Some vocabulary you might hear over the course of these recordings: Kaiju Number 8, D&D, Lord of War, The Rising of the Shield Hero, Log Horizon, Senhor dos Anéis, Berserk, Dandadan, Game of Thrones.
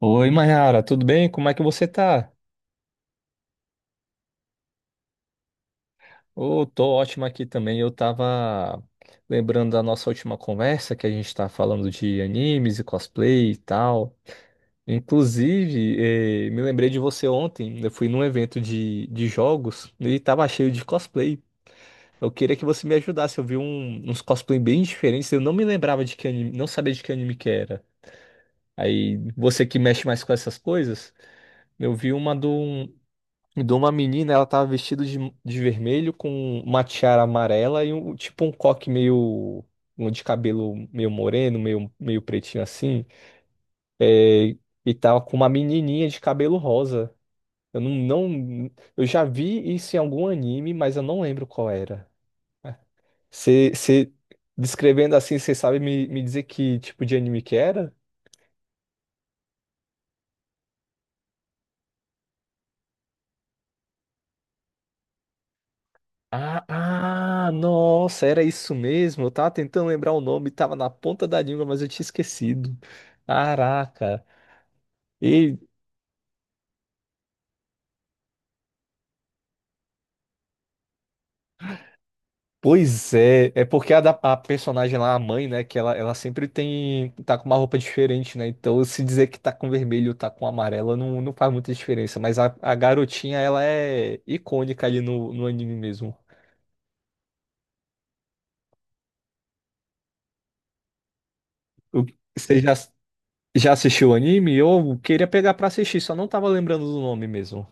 Oi, Mayara, tudo bem? Como é que você tá? Ô, tô ótimo aqui também. Eu tava lembrando da nossa última conversa, que a gente tá falando de animes e cosplay e tal. Inclusive, me lembrei de você ontem. Eu fui num evento de jogos e tava cheio de cosplay. Eu queria que você me ajudasse. Eu vi uns cosplay bem diferentes. Eu não me lembrava de que anime, não sabia de que anime que era. Aí, você que mexe mais com essas coisas, eu vi uma do E de uma menina, ela tava vestida de vermelho com uma tiara amarela e um tipo um coque meio um de cabelo meio moreno, meio pretinho assim. É, e tava com uma menininha de cabelo rosa. Eu não, não, Eu já vi isso em algum anime, mas eu não lembro qual era. Você descrevendo assim, você sabe me dizer que tipo de anime que era? Ah, nossa, era isso mesmo. Eu tava tentando lembrar o nome, tava na ponta da língua, mas eu tinha esquecido. Caraca. E, Pois é, é porque a personagem lá, a mãe, né, que ela sempre tá com uma roupa diferente, né? Então, se dizer que tá com vermelho ou tá com amarelo, não faz muita diferença. Mas a garotinha, ela é icônica ali no anime mesmo. O- Você já assistiu o anime? Eu queria pegar pra assistir, só não tava lembrando do nome mesmo.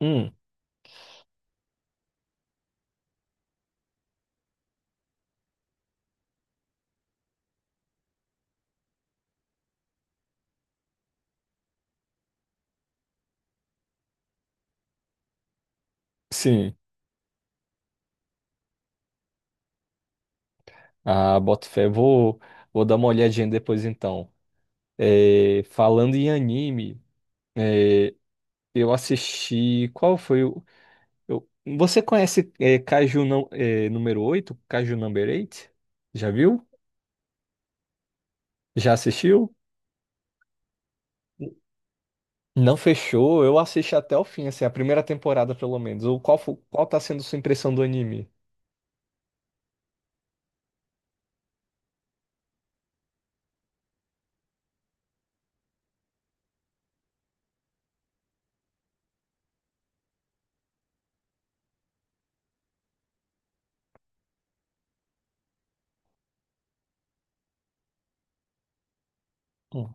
Hum, sim. Ah, boto fé. Vou dar uma olhadinha depois então. É, falando em anime, é, eu assisti. Qual foi o. eu- você conhece Kaiju não, número 8, Kaiju Number 8? Já viu? Já assistiu? Não fechou. Eu assisti até o fim, assim, a primeira temporada pelo menos. Ou qual tá sendo sua impressão do anime? Hum.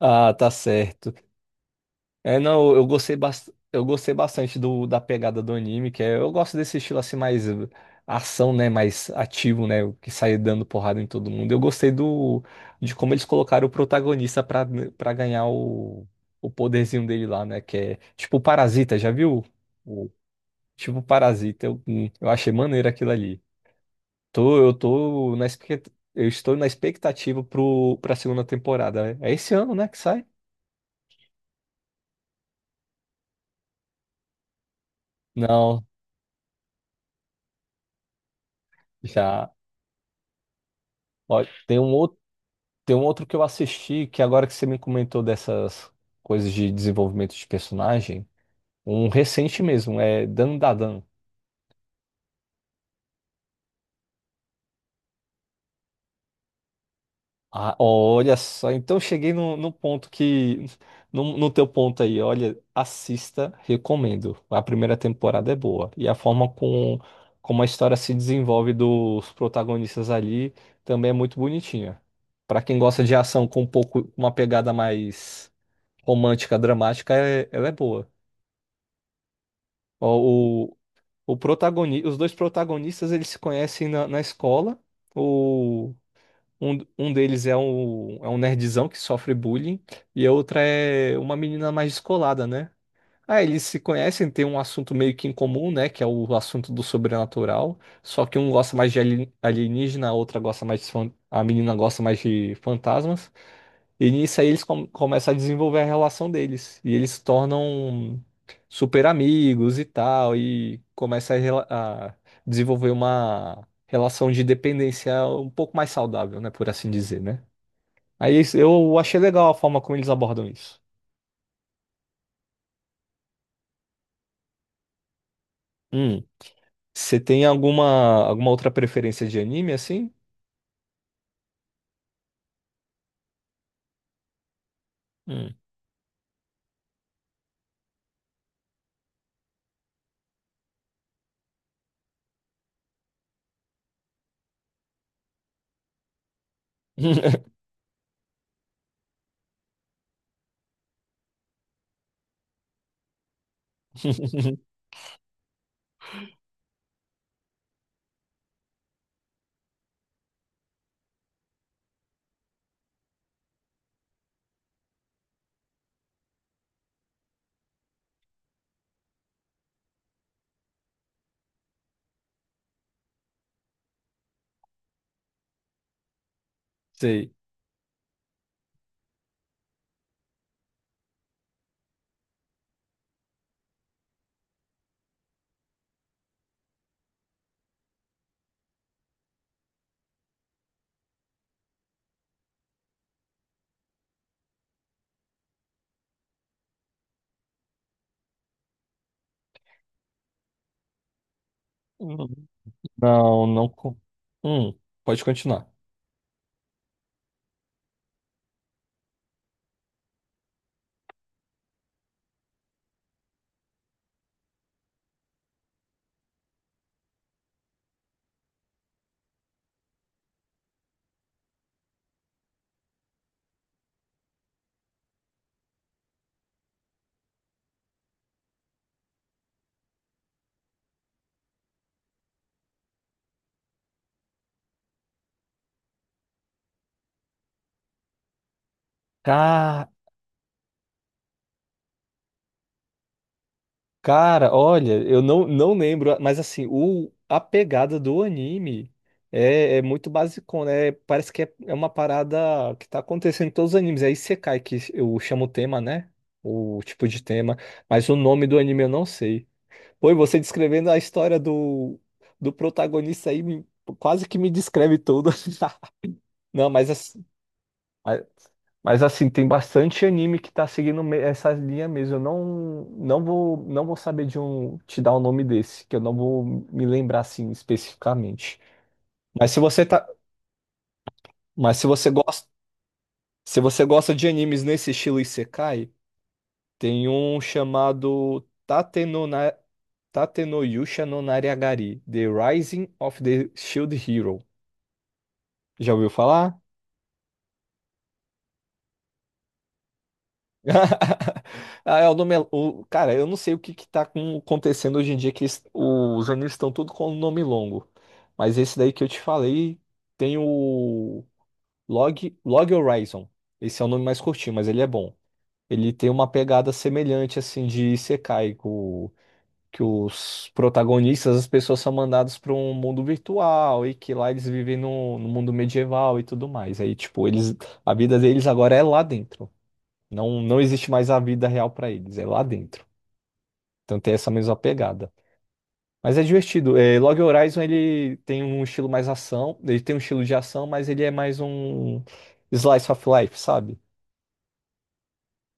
Ah, tá certo. É, não, eu gostei, bastante da pegada do anime, que é, eu gosto desse estilo assim mais ação, né, mais ativo, né, que sai dando porrada em todo mundo. Eu gostei do de como eles colocaram o protagonista pra para ganhar o poderzinho dele lá, né, que é tipo o Parasita, já viu? O, tipo o Parasita, eu achei maneiro aquilo ali. Tô, eu tô na expect- Eu estou na expectativa pro para segunda temporada. Né? É esse ano, né, que sai? Não, já ó. Tem um outro que eu assisti, que agora que você me comentou dessas coisas de desenvolvimento de personagem, um recente mesmo, é Dandadan. Ah, olha só, então cheguei no ponto que. No teu ponto aí, olha, assista, recomendo. A primeira temporada é boa. E a forma como a história se desenvolve dos protagonistas ali também é muito bonitinha. Pra quem gosta de ação com um pouco, uma pegada mais romântica, dramática, ela é boa. Ó, os dois protagonistas eles se conhecem na escola. O... um deles é um nerdzão que sofre bullying, e a outra é uma menina mais descolada, né? Ah, eles se conhecem, tem um assunto meio que em comum, né? Que é o assunto do sobrenatural. Só que um gosta mais de alienígena, a outra gosta mais de A menina gosta mais de fantasmas. E nisso aí eles começam a desenvolver a relação deles. E eles se tornam super amigos e tal. E começa a desenvolver uma relação de dependência um pouco mais saudável, né? Por assim dizer, né? Aí eu achei legal a forma como eles abordam isso. Hum. Você tem alguma, outra preferência de anime assim? Hum. Sei. Hum. Não, não. Hum. Pode continuar. Cara, Cara, olha, eu não lembro, mas assim, a pegada do anime é muito basicona, né? Parece que é uma parada que tá acontecendo em todos os animes. É Isekai, que eu chamo o tema, né? O tipo de tema, mas o nome do anime eu não sei. Pô, e você descrevendo a história do protagonista aí, quase que me descreve tudo. Não, mas assim. Mas assim, tem bastante anime que tá seguindo essa linha mesmo. Eu não vou saber de um te dar o nome desse, que eu não vou me lembrar assim especificamente. Mas se você tá, mas se você gosta, Se você gosta de animes nesse estilo Isekai, tem um chamado Tate no Na- Tate no Yusha no Nariagari, The Rising of the Shield Hero. Já ouviu falar? Ah, é o nome. Cara, eu não sei o que que tá acontecendo hoje em dia, que os animes estão tudo com nome longo. Mas esse daí que eu te falei tem o Log Horizon. Esse é o nome mais curtinho, mas ele é bom. Ele tem uma pegada semelhante, assim, de Isekai, que os protagonistas, as pessoas são mandadas para um mundo virtual e que lá eles vivem no mundo medieval e tudo mais. Aí, tipo, a vida deles agora é lá dentro. Não, não existe mais a vida real para eles, é lá dentro. Então tem essa mesma pegada. Mas é divertido. É, Log Horizon ele tem um estilo mais ação, ele tem um estilo de ação, mas ele é mais um slice of life, sabe?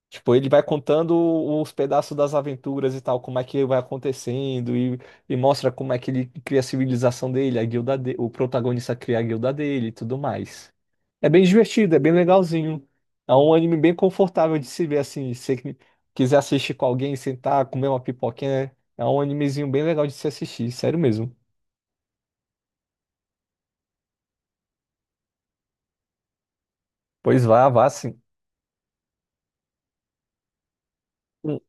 Tipo, ele vai contando os pedaços das aventuras e tal, como é que vai acontecendo, e mostra como é que ele cria a civilização dele, a guilda dele, o protagonista cria a guilda dele e tudo mais. É bem divertido, é bem legalzinho. É um anime bem confortável de se ver assim. Se você quiser assistir com alguém, sentar, comer uma pipoquinha, né? É um animezinho bem legal de se assistir, sério mesmo. Pois vá, vá sim. Hum,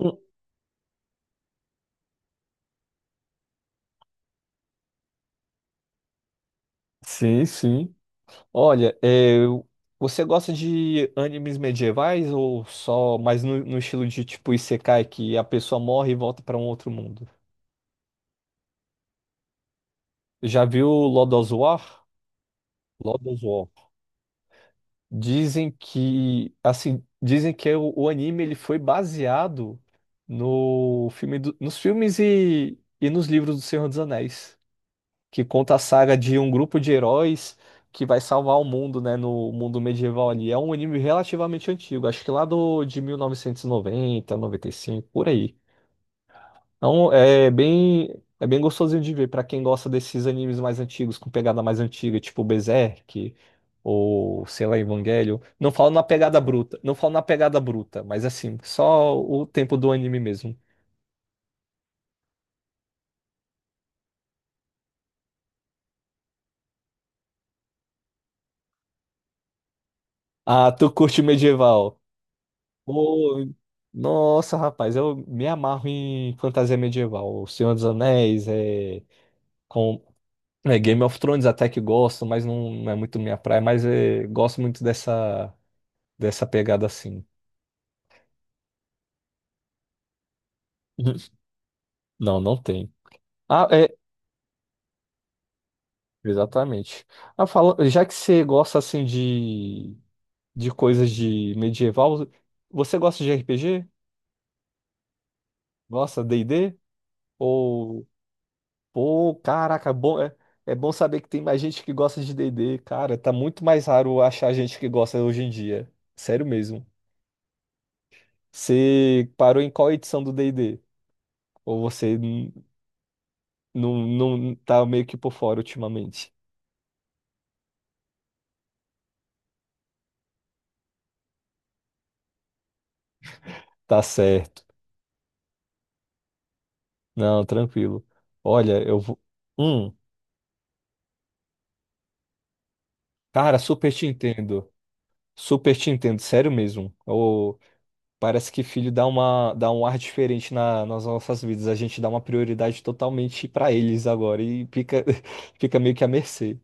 hum. Sim, sim. Olha, você gosta de animes medievais ou só mais no estilo de tipo Isekai, que a pessoa morre e volta para um outro mundo? Já viu Lord of War? Lord of War. Dizem que, assim, dizem que o anime ele foi baseado no filme nos filmes e nos livros do Senhor dos Anéis, que conta a saga de um grupo de heróis que vai salvar o mundo, né, no mundo medieval ali. É um anime relativamente antigo, acho que lá de 1990, 95, por aí. Então, é bem gostosinho de ver para quem gosta desses animes mais antigos, com pegada mais antiga, tipo Berserk ou, sei lá, Evangelho. Não falo na pegada bruta, não falo na pegada bruta, mas assim, só o tempo do anime mesmo. Ah, tu curte medieval? Pô, nossa, rapaz, eu me amarro em fantasia medieval. O Senhor dos Anéis, com, Game of Thrones até que gosto, mas não é muito minha praia, mas gosto muito dessa, pegada assim. Não, não tem. Ah, exatamente. Ah, já que você gosta assim de coisas de medieval, você gosta de RPG? Gosta de D&D? Ou, pô, caraca, bom, é bom saber que tem mais gente que gosta de D&D, cara, tá muito mais raro achar gente que gosta hoje em dia. Sério mesmo. Você parou em qual edição do D&D? Ou você não tá meio que por fora ultimamente? Tá certo. Não, tranquilo. Olha, eu vou. Hum. Cara, super te entendo. Super te entendo, sério mesmo. Ô, parece que filho dá um ar diferente nas nossas vidas. A gente dá uma prioridade totalmente pra eles agora e fica, fica meio que à mercê.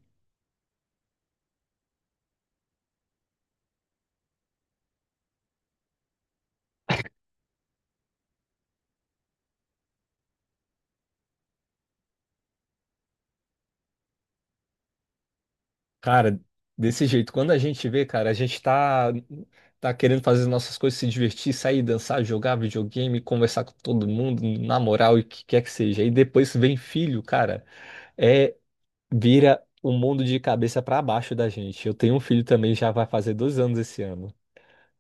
Cara, desse jeito, quando a gente vê, cara, a gente tá, tá querendo fazer nossas coisas, se divertir, sair, dançar, jogar videogame, conversar com todo mundo, namorar, o que quer que seja. E depois vem filho, cara. Vira um mundo de cabeça pra baixo da gente. Eu tenho um filho também, já vai fazer 2 anos esse ano.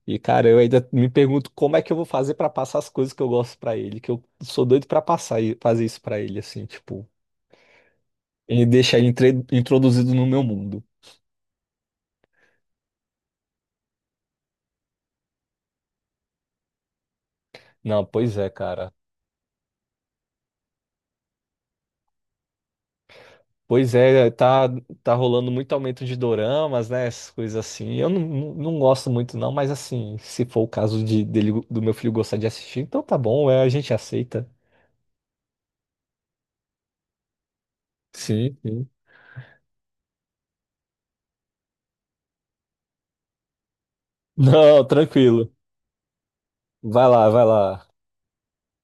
E, cara, eu ainda me pergunto como é que eu vou fazer pra passar as coisas que eu gosto pra ele, que eu sou doido pra passar e fazer isso pra ele, assim, tipo, e deixar ele introduzido no meu mundo. Não, pois é, cara. Pois é, tá, tá rolando muito aumento de doramas, né? Essas coisas assim. Eu não gosto muito, não, mas assim, se for o caso do meu filho gostar de assistir, então tá bom, a gente aceita. Sim, sim. Não, tranquilo. Vai lá, vai lá,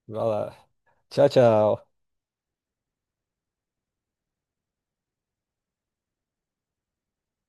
vai lá. Tchau, tchau.